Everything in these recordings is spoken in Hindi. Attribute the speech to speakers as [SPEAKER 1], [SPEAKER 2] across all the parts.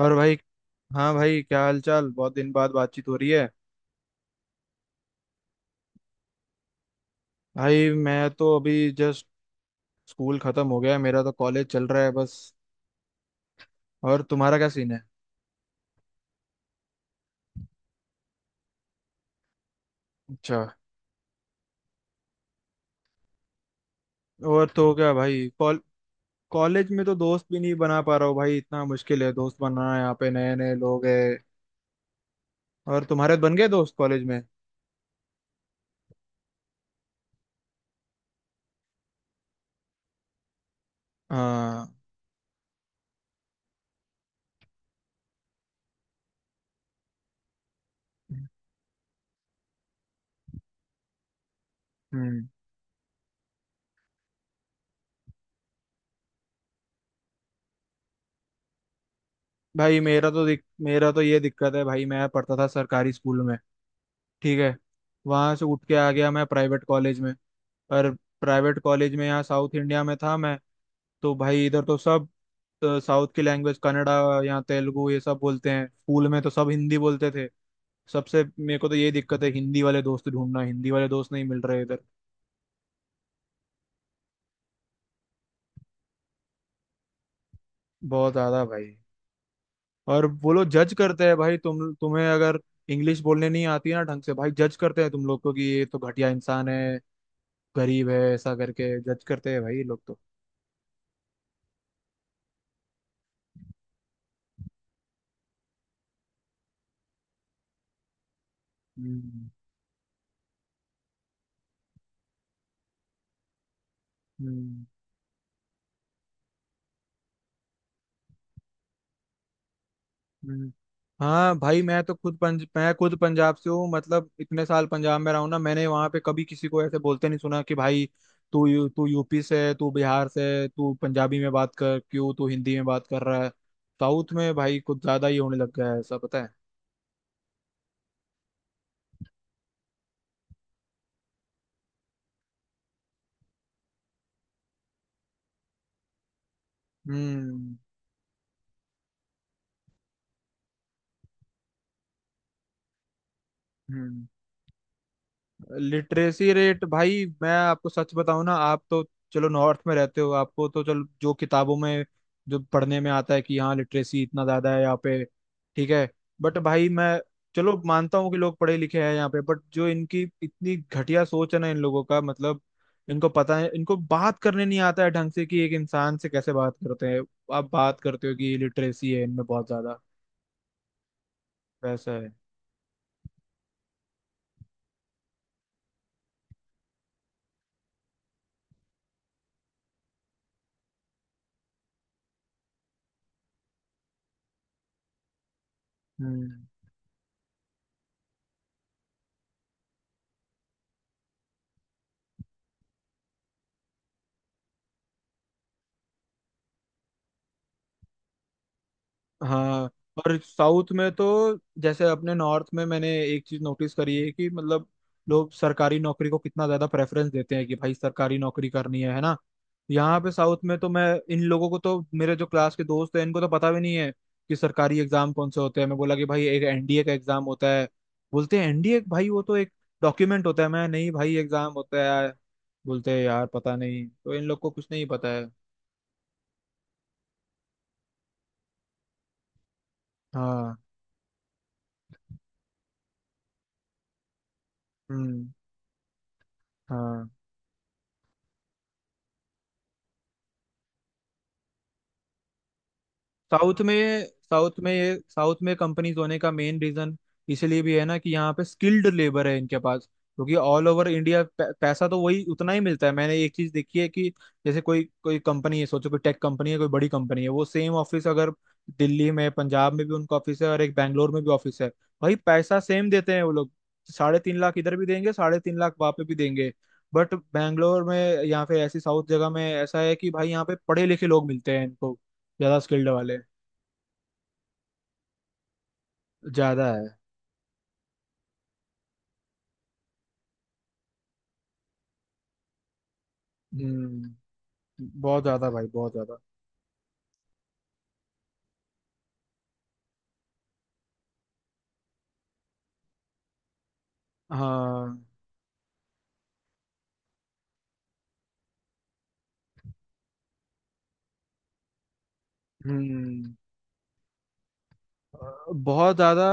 [SPEAKER 1] और भाई। हाँ भाई, क्या हाल चाल, बहुत दिन बाद बातचीत हो रही है। भाई मैं तो अभी जस्ट स्कूल खत्म हो गया है, मेरा तो कॉलेज चल रहा है बस। और तुम्हारा क्या सीन है? अच्छा। और तो क्या भाई, कॉलेज में तो दोस्त भी नहीं बना पा रहा हूँ भाई, इतना मुश्किल है दोस्त बनाना यहाँ पे, नए नए लोग हैं। और तुम्हारे बन गए दोस्त कॉलेज में? हाँ। हम्म। भाई मेरा तो मेरा तो ये दिक्कत है भाई, मैं पढ़ता था सरकारी स्कूल में, ठीक है, वहां से उठ के आ गया मैं प्राइवेट कॉलेज में। पर प्राइवेट कॉलेज में यहाँ साउथ इंडिया में था मैं। तो भाई इधर तो सब साउथ की लैंग्वेज कन्नड़ा, यहाँ तेलुगु ये सब बोलते हैं, स्कूल में तो सब हिंदी बोलते थे। सबसे मेरे को तो ये दिक्कत है, हिंदी वाले दोस्त ढूंढना, हिंदी वाले दोस्त नहीं मिल रहे इधर। बहुत ज्यादा भाई। और वो लोग जज करते हैं भाई, तुम्हें अगर इंग्लिश बोलने नहीं आती है ना ढंग से, भाई जज करते हैं तुम लोग को कि ये तो घटिया इंसान है, गरीब है, ऐसा करके जज करते हैं भाई ये लोग तो। हम्म। हम्म। हम्म। हाँ भाई मैं तो खुद पंज मैं खुद पंजाब से हूँ, मतलब इतने साल पंजाब में रहा हूँ ना, मैंने वहाँ पे कभी किसी को ऐसे बोलते नहीं सुना कि भाई तू तू यूपी से है, तू बिहार से है, तू पंजाबी में बात कर, क्यों तू हिंदी में बात कर रहा है। साउथ में भाई कुछ ज्यादा ही होने लग गया है ऐसा, पता है। हम्म। हम्म। लिटरेसी रेट भाई मैं आपको सच बताऊं ना, आप तो चलो नॉर्थ में रहते हो, आपको तो चलो जो किताबों में जो पढ़ने में आता है कि हाँ लिटरेसी इतना ज्यादा है यहाँ पे, ठीक है, बट भाई मैं चलो मानता हूँ कि लोग पढ़े लिखे हैं यहाँ पे, बट जो इनकी इतनी घटिया सोच है ना इन लोगों का, मतलब इनको पता है, इनको बात करने नहीं आता है ढंग से कि एक इंसान से कैसे बात करते हैं। आप बात करते हो कि लिटरेसी है इनमें बहुत ज्यादा, वैसा है? हम्म। हाँ। और साउथ में तो जैसे अपने नॉर्थ में मैंने एक चीज नोटिस करी है कि मतलब लोग सरकारी नौकरी को कितना ज्यादा प्रेफरेंस देते हैं कि भाई सरकारी नौकरी करनी है ना। यहाँ पे साउथ में तो मैं, इन लोगों को तो, मेरे जो क्लास के दोस्त हैं इनको तो पता भी नहीं है कि सरकारी एग्जाम कौन से होते हैं। मैं बोला कि भाई एक एनडीए का एग्जाम होता है। बोलते हैं एनडीए भाई वो तो एक डॉक्यूमेंट होता है। मैं, नहीं भाई एग्जाम होता है। बोलते हैं यार पता नहीं, तो इन लोग को कुछ नहीं पता है। हाँ। हम्म। हाँ। साउथ में साउथ में कंपनीज होने का मेन रीजन इसलिए भी है ना कि यहाँ पे स्किल्ड लेबर है इनके पास, क्योंकि ऑल ओवर इंडिया पैसा तो वही उतना ही मिलता है। मैंने एक चीज देखी है कि जैसे कोई कोई कंपनी है, सोचो कोई टेक कंपनी है, कोई बड़ी कंपनी है, वो सेम ऑफिस अगर दिल्ली में, पंजाब में भी उनका ऑफिस है, और एक बैंगलोर में भी ऑफिस है, भाई पैसा सेम देते हैं वो लोग। 3.5 लाख इधर भी देंगे, 3.5 लाख वहां पे भी देंगे। बट बैंगलोर में या फिर ऐसी साउथ जगह में ऐसा है कि भाई यहाँ पे पढ़े लिखे लोग मिलते हैं इनको, ज्यादा स्किल्ड वाले। ज्यादा है। हम्म। बहुत ज्यादा भाई, बहुत ज्यादा। हाँ। हम्म। बहुत ज्यादा,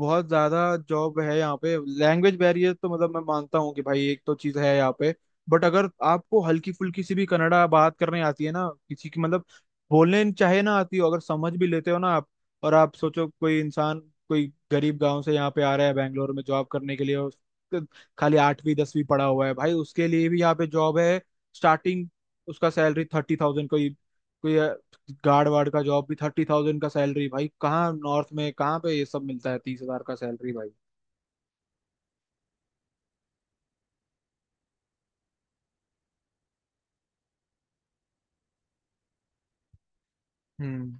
[SPEAKER 1] बहुत ज्यादा जॉब है यहाँ पे, लैंग्वेज बैरियर तो, मतलब मैं मानता हूँ कि भाई एक तो चीज है यहाँ पे, बट अगर आपको हल्की फुल्की सी भी कन्नड़ा बात करने आती है ना किसी की, मतलब बोलने चाहे ना आती हो, अगर समझ भी लेते हो ना आप। और आप सोचो कोई इंसान, कोई गरीब गांव से यहाँ पे आ रहा है बैंगलोर में जॉब करने के लिए, और उसके खाली 8वीं 10वीं पढ़ा हुआ है, भाई उसके लिए भी यहाँ पे जॉब है। स्टार्टिंग उसका सैलरी 30,000, कोई कोई गार्ड वार्ड का जॉब भी 30,000 का सैलरी। भाई कहाँ नॉर्थ में, कहाँ पे ये सब मिलता है 30,000 का सैलरी भाई? हम्म।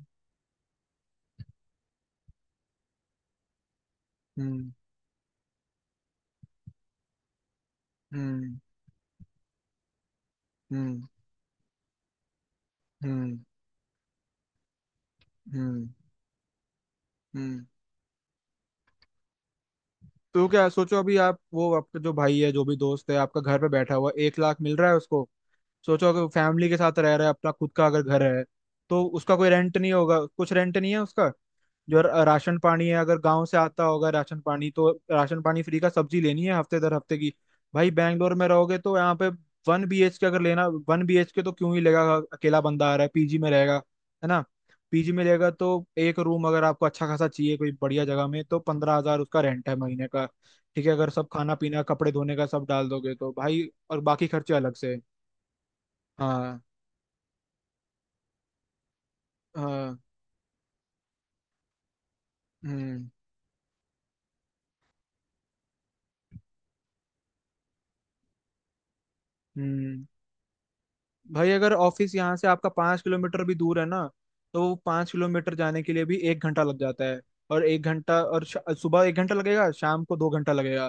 [SPEAKER 1] हम्म। हम्म। हम्म। हम्म। हम्म। हम्म। तो क्या सोचो अभी, आप वो आपका जो भाई है, जो भी दोस्त है आपका घर पे बैठा हुआ है, 1 लाख मिल रहा है उसको, सोचो अगर फैमिली के साथ रह रहा है, अपना खुद का अगर घर है, तो उसका कोई रेंट नहीं होगा, कुछ रेंट नहीं है उसका। जो राशन पानी है, अगर गांव से आता होगा राशन पानी, तो राशन पानी फ्री का, सब्जी लेनी है हफ्ते दर हफ्ते की। भाई बैंगलोर में रहोगे तो यहाँ पे 1 BHK अगर लेना, 1 BHK तो क्यों ही लेगा? अकेला बंदा आ रहा है पीजी में रहेगा, है ना। पीजी में लेगा तो एक रूम अगर आपको अच्छा खासा चाहिए कोई बढ़िया जगह में, तो 15,000 उसका रेंट है महीने का। ठीक है, अगर सब खाना पीना कपड़े धोने का सब डाल दोगे तो भाई, और बाकी खर्चे अलग से। हाँ। हाँ। हम्म। हम्म। भाई अगर ऑफिस यहाँ से आपका 5 किलोमीटर भी दूर है ना, तो वो 5 किलोमीटर जाने के लिए भी 1 घंटा लग जाता है। और 1 घंटा, और सुबह 1 घंटा लगेगा, शाम को 2 घंटा लगेगा,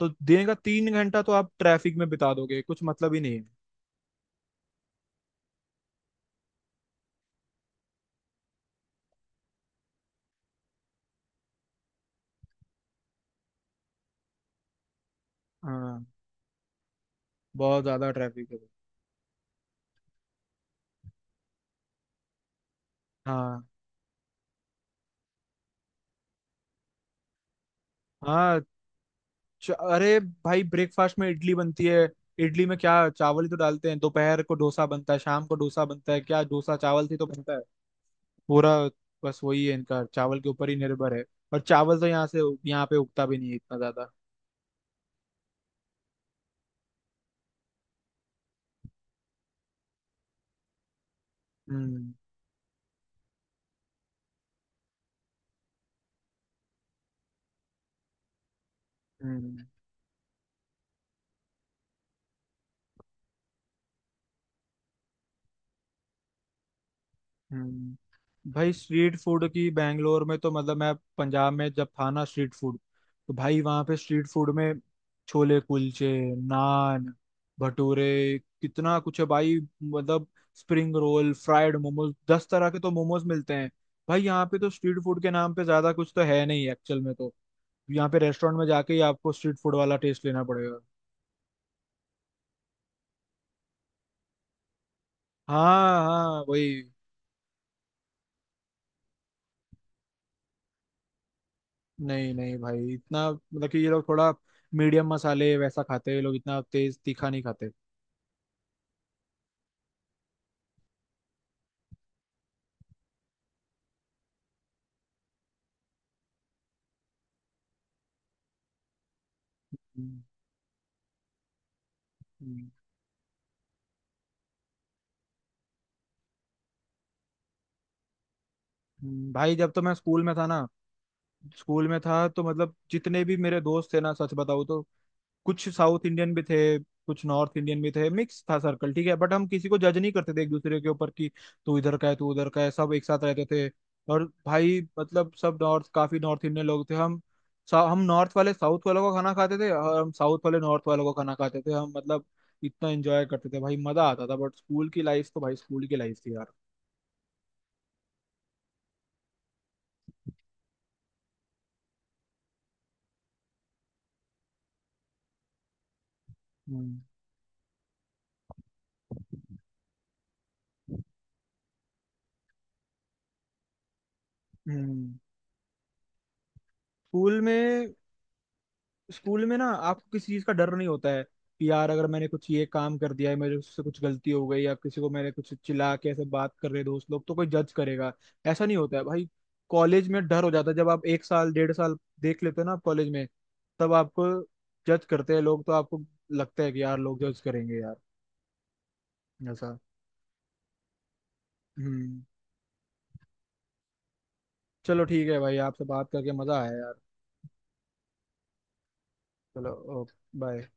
[SPEAKER 1] तो दिन का 3 घंटा तो आप ट्रैफिक में बिता दोगे, कुछ मतलब ही नहीं है। हाँ, बहुत ज्यादा ट्रैफिक है। हाँ। हाँ। अरे भाई, ब्रेकफास्ट में इडली बनती है, इडली में क्या चावल ही तो डालते हैं, दोपहर को डोसा बनता है, शाम को डोसा बनता है, क्या डोसा चावल से ही तो बनता है पूरा। बस वही है इनका, चावल के ऊपर ही निर्भर है। और चावल तो यहाँ से, यहाँ पे उगता भी नहीं है इतना ज्यादा। हम्म। हम्म। हम्म। भाई स्ट्रीट फूड की, बैंगलोर में तो मतलब, मैं पंजाब में जब था ना, स्ट्रीट फूड तो भाई वहाँ पे, स्ट्रीट फूड में छोले कुलचे, नान, भटूरे, कितना कुछ है भाई, मतलब स्प्रिंग रोल, फ्राइड मोमोज, 10 तरह के तो मोमोज मिलते हैं भाई। यहाँ पे तो स्ट्रीट फूड के नाम पे ज्यादा कुछ तो है नहीं एक्चुअल में तो, यहाँ पे रेस्टोरेंट में जाके ही आपको स्ट्रीट फूड वाला टेस्ट लेना पड़ेगा। हाँ हाँ, वही। नहीं नहीं भाई, इतना, मतलब कि ये लोग थोड़ा मीडियम मसाले वैसा खाते हैं, ये लोग इतना तेज तीखा नहीं खाते। हम्म। हम्म। हम्म। भाई जब तो मैं स्कूल में था ना, स्कूल में था तो मतलब जितने भी मेरे दोस्त थे ना, सच बताऊँ तो कुछ साउथ इंडियन भी थे, कुछ नॉर्थ इंडियन भी थे, मिक्स था सर्कल, ठीक है, बट हम किसी को जज नहीं करते थे एक दूसरे के ऊपर कि तू इधर का है, तू उधर का है, सब एक साथ रहते थे। और भाई मतलब सब नॉर्थ, काफी नॉर्थ इंडियन लोग थे हम। हम नॉर्थ वाले साउथ वालों का खाना खाते थे, और हम साउथ वाले नॉर्थ वालों का खाना खाते थे। हम, मतलब इतना एंजॉय करते थे भाई, मजा आता था, बट स्कूल की लाइफ तो भाई स्कूल की लाइफ थी यार। हम्म। हम्म। स्कूल में स्कूल में ना आपको किसी चीज का डर नहीं होता है कि यार अगर मैंने कुछ ये काम कर दिया है, मेरे उससे कुछ गलती हो गई, या किसी को मैंने कुछ चिल्ला के ऐसे बात कर रहे दोस्त लोग तो कोई जज करेगा, ऐसा नहीं होता है भाई। कॉलेज में डर हो जाता है जब आप 1 साल 1.5 साल देख लेते हो ना आप कॉलेज में, तब आपको जज करते हैं लोग, तो आपको लगता है कि यार लोग जज करेंगे यार, ऐसा। हम्म। चलो ठीक है भाई, आपसे बात करके मजा आया यार। चलो। ओके। बाय।